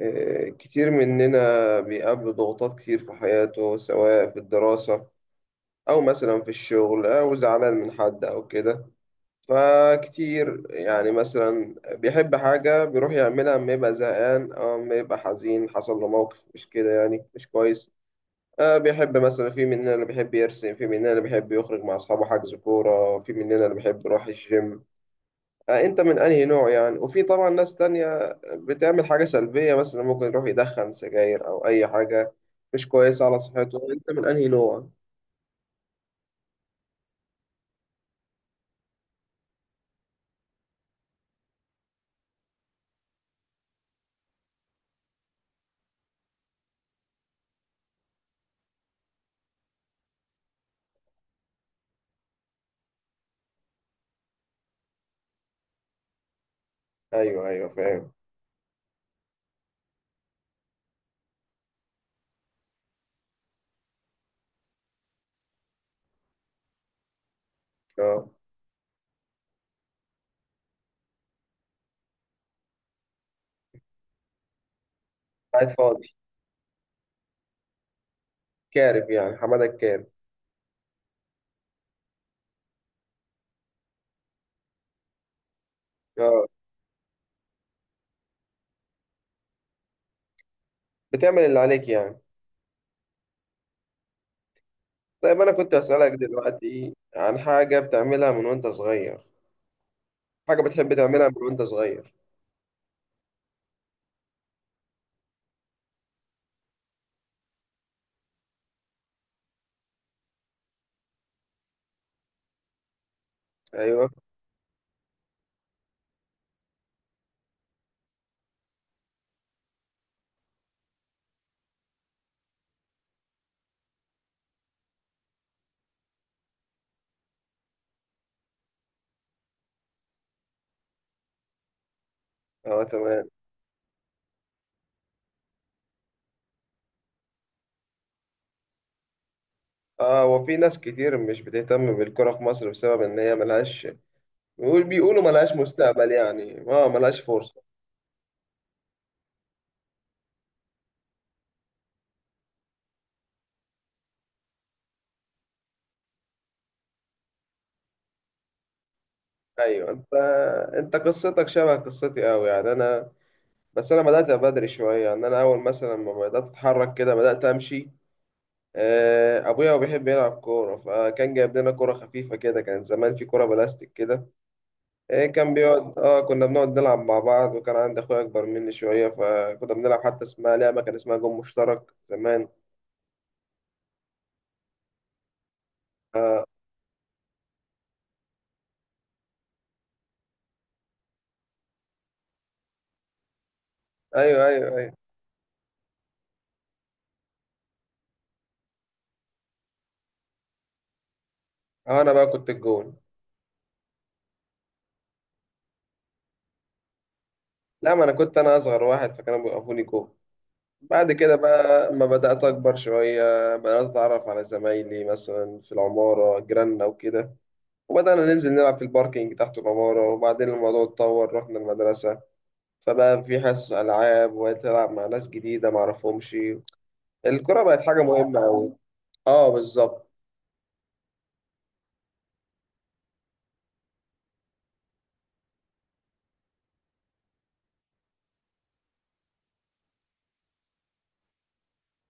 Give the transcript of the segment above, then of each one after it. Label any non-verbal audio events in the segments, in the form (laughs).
كتير مننا بيقابله ضغوطات كتير في حياته، سواء في الدراسة أو مثلا في الشغل، أو زعلان من حد أو كده. فكتير يعني مثلا بيحب حاجة بيروح يعملها أما يبقى زهقان، أو أما يبقى حزين حصل له موقف مش كده، يعني مش كويس. بيحب مثلا، في مننا اللي بيحب يرسم، في مننا اللي بيحب يخرج مع أصحابه حجز كورة، في مننا اللي بيحب يروح الجيم. انت من انهي نوع يعني؟ وفي طبعا ناس تانية بتعمل حاجة سلبية، مثلا ممكن يروح يدخن سجاير او اي حاجة مش كويسة على صحته. انت من انهي نوع؟ ايوه، ايوه، فاهم. اه، قاعد فاضي. كارف يعني، حمادة الكارف. اه، بتعمل اللي عليك يعني. طيب، انا كنت اسألك دلوقتي عن حاجة بتعملها من وانت صغير. حاجة بتحب تعملها من وانت صغير. ايوه. اه، تمام. اه، وفي ناس كتير مش بتهتم بالكرة في مصر بسبب ان هي ملهاش، بيقولوا ملهاش مستقبل يعني، اه، ملهاش فرصة. ايوه، انت قصتك شبه قصتي قوي، يعني انا، بس انا بدأت بدري شوية، يعني انا اول مثلا ما بدأت اتحرك كده بدأت امشي. ابويا هو بيحب يلعب كورة، فكان جايب لنا كورة خفيفة كده، كان زمان في كورة بلاستيك كده. آه، كان بيقعد اه كنا بنقعد نلعب مع بعض، وكان عندي اخويا اكبر مني شوية، فكنا بنلعب حتى اسمها لعبة، كان اسمها جون مشترك زمان. آه، ايوه، ايوه، ايوه. انا بقى كنت الجون. لا، ما انا كنت انا اصغر واحد، فكانوا بيوقفوني جون. بعد كده بقى لما بدأت أكبر شوية، بدأت أتعرف على زمايلي مثلا في العمارة، جيراننا وكده. وبدأنا ننزل نلعب في الباركينج تحت العمارة. وبعدين الموضوع اتطور، رحنا المدرسة، فبقى في حصص ألعاب وتلعب مع ناس جديدة معرفهمش. الكرة بقت حاجة مهمة أوي. اه، بالظبط.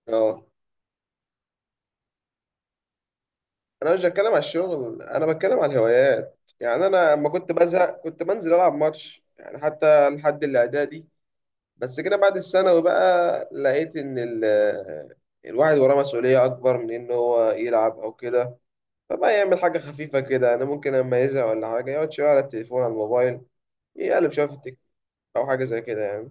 اه، أنا مش بتكلم على الشغل، أنا بتكلم على الهوايات يعني. أنا لما كنت بزهق كنت بنزل ألعب ماتش يعني، حتى لحد الإعدادي. بس كده بعد الثانوي بقى، لقيت ان الواحد وراه مسؤولية أكبر من إن هو يلعب أو كده. فبقى يعمل حاجة خفيفة كده. أنا ممكن أما يزهق ولا حاجة يقعد شوية على التليفون، على الموبايل، يقلب شوية في التيك، أو حاجة زي كده يعني.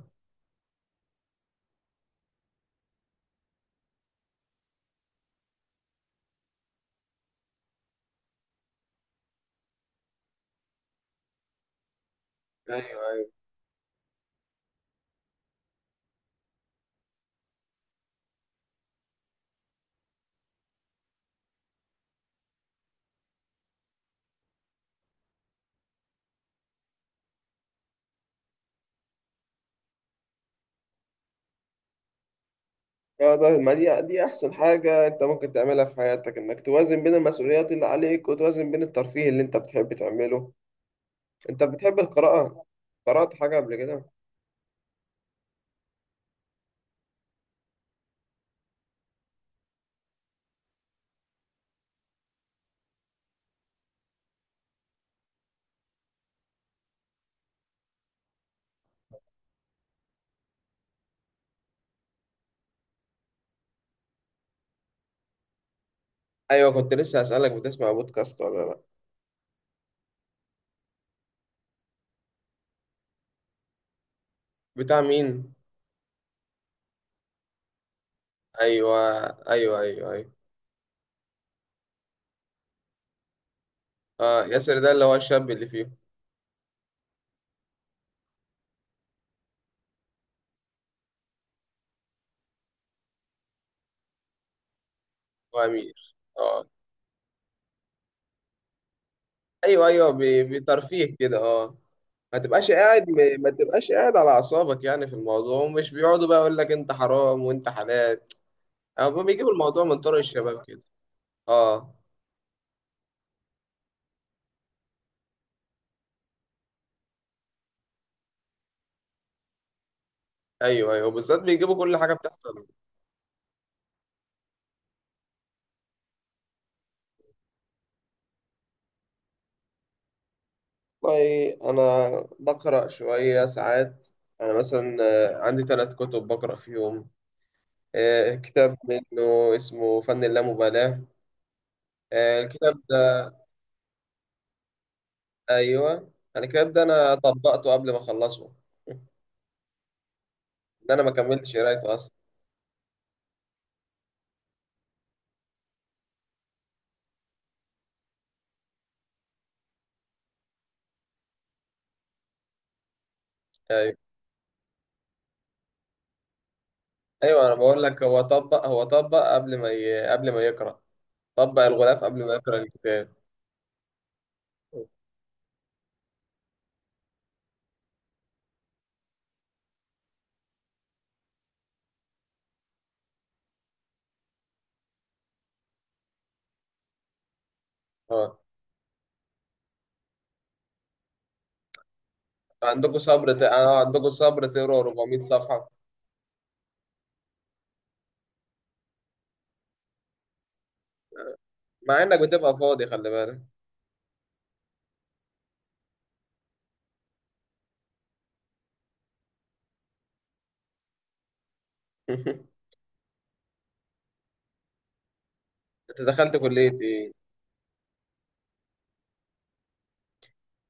ايوه، ايوه. فده، ما دي أحسن حاجة أنت ممكن تعملها في حياتك، إنك توازن بين المسؤوليات اللي عليك وتوازن بين الترفيه اللي أنت بتحب تعمله. أنت بتحب القراءة؟ قرأت حاجة قبل كده؟ أيوه، كنت لسه هسألك، بتسمع بودكاست ولا لأ؟ بتاع مين؟ ايوه، ايوه، ايوه. ايوه، اه، ياسر ده اللي هو الشاب اللي فيه. هو امير، اه. ايوه، ايوه، بترفيه كده، اه. ما تبقاش قاعد على اعصابك يعني في الموضوع، ومش بيقعدوا بقى يقول لك انت حرام وانت حلال، او بيجيبوا الموضوع من طرق الشباب كده. اه، ايوه، ايوه، بالذات بيجيبوا كل حاجه بتحصل. والله انا بقرا شويه ساعات. انا مثلا عندي ثلاث كتب بقرا فيهم. كتاب منه اسمه فن اللامبالاه. الكتاب، ايوه انا كده، ابدا، انا طبقته قبل ما اخلصه. ده انا ما كملتش قرايته اصلا. ايوه، ايوه، انا بقول لك، هو طبق قبل ما يقرا. طبق الغلاف قبل ما يقرا الكتاب. اه، عندكم صبر تقرا 400 صفحه؟ مع انك بتبقى فاضي، خلي بالك. (laughs) انت دخلت كليه ايه؟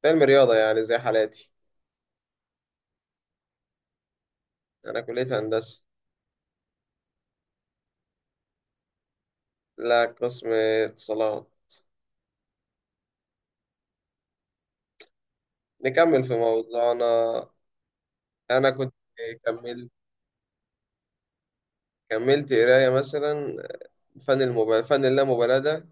علم رياضه يعني زي حالاتي. انا كليه هندسه. لا، قسم اتصالات. نكمل في موضوعنا. انا كنت كملت كملت قرايه مثلا، فن اللامبالاة ده.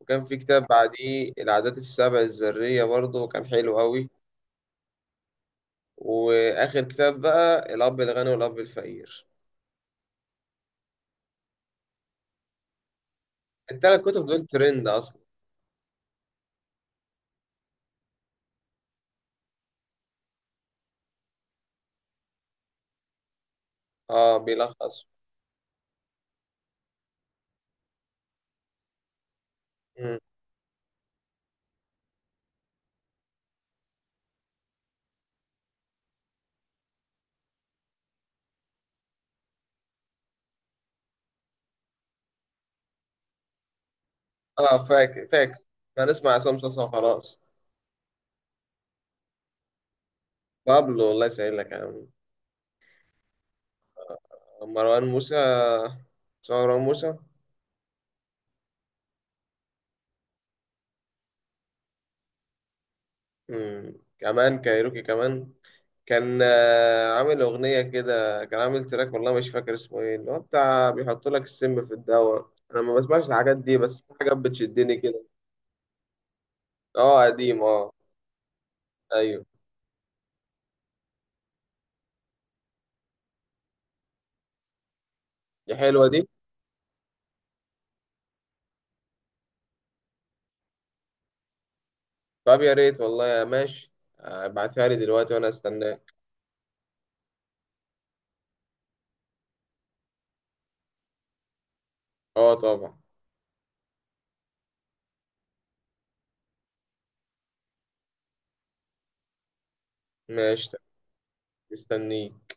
وكان في كتاب بعديه، العادات السبع الذرية، برضه كان حلو قوي. وآخر كتاب بقى الأب الغني والأب الفقير. التلات كتب دول ترند أصلا. اه، بيلخصوا. مم. اه، فاك فاكس. هنسمع عصام صاصا وخلاص. بابلو، الله يسهل لك يا عم. مروان موسى. مروان موسى. مم. كمان كايروكي كمان. كان عامل أغنية كده، كان عامل تراك، والله مش فاكر اسمه ايه، اللي هو بتاع بيحط لك السم في الدواء. أنا ما بسمعش الحاجات دي، بس في حاجات بتشدني كده. اه، قديم، اه. أيوه. دي حلوة دي. طب يا ريت والله، يا ماشي. ابعتها لي دلوقتي وأنا استناك. اه، طبعا. ماشي. مستنيك.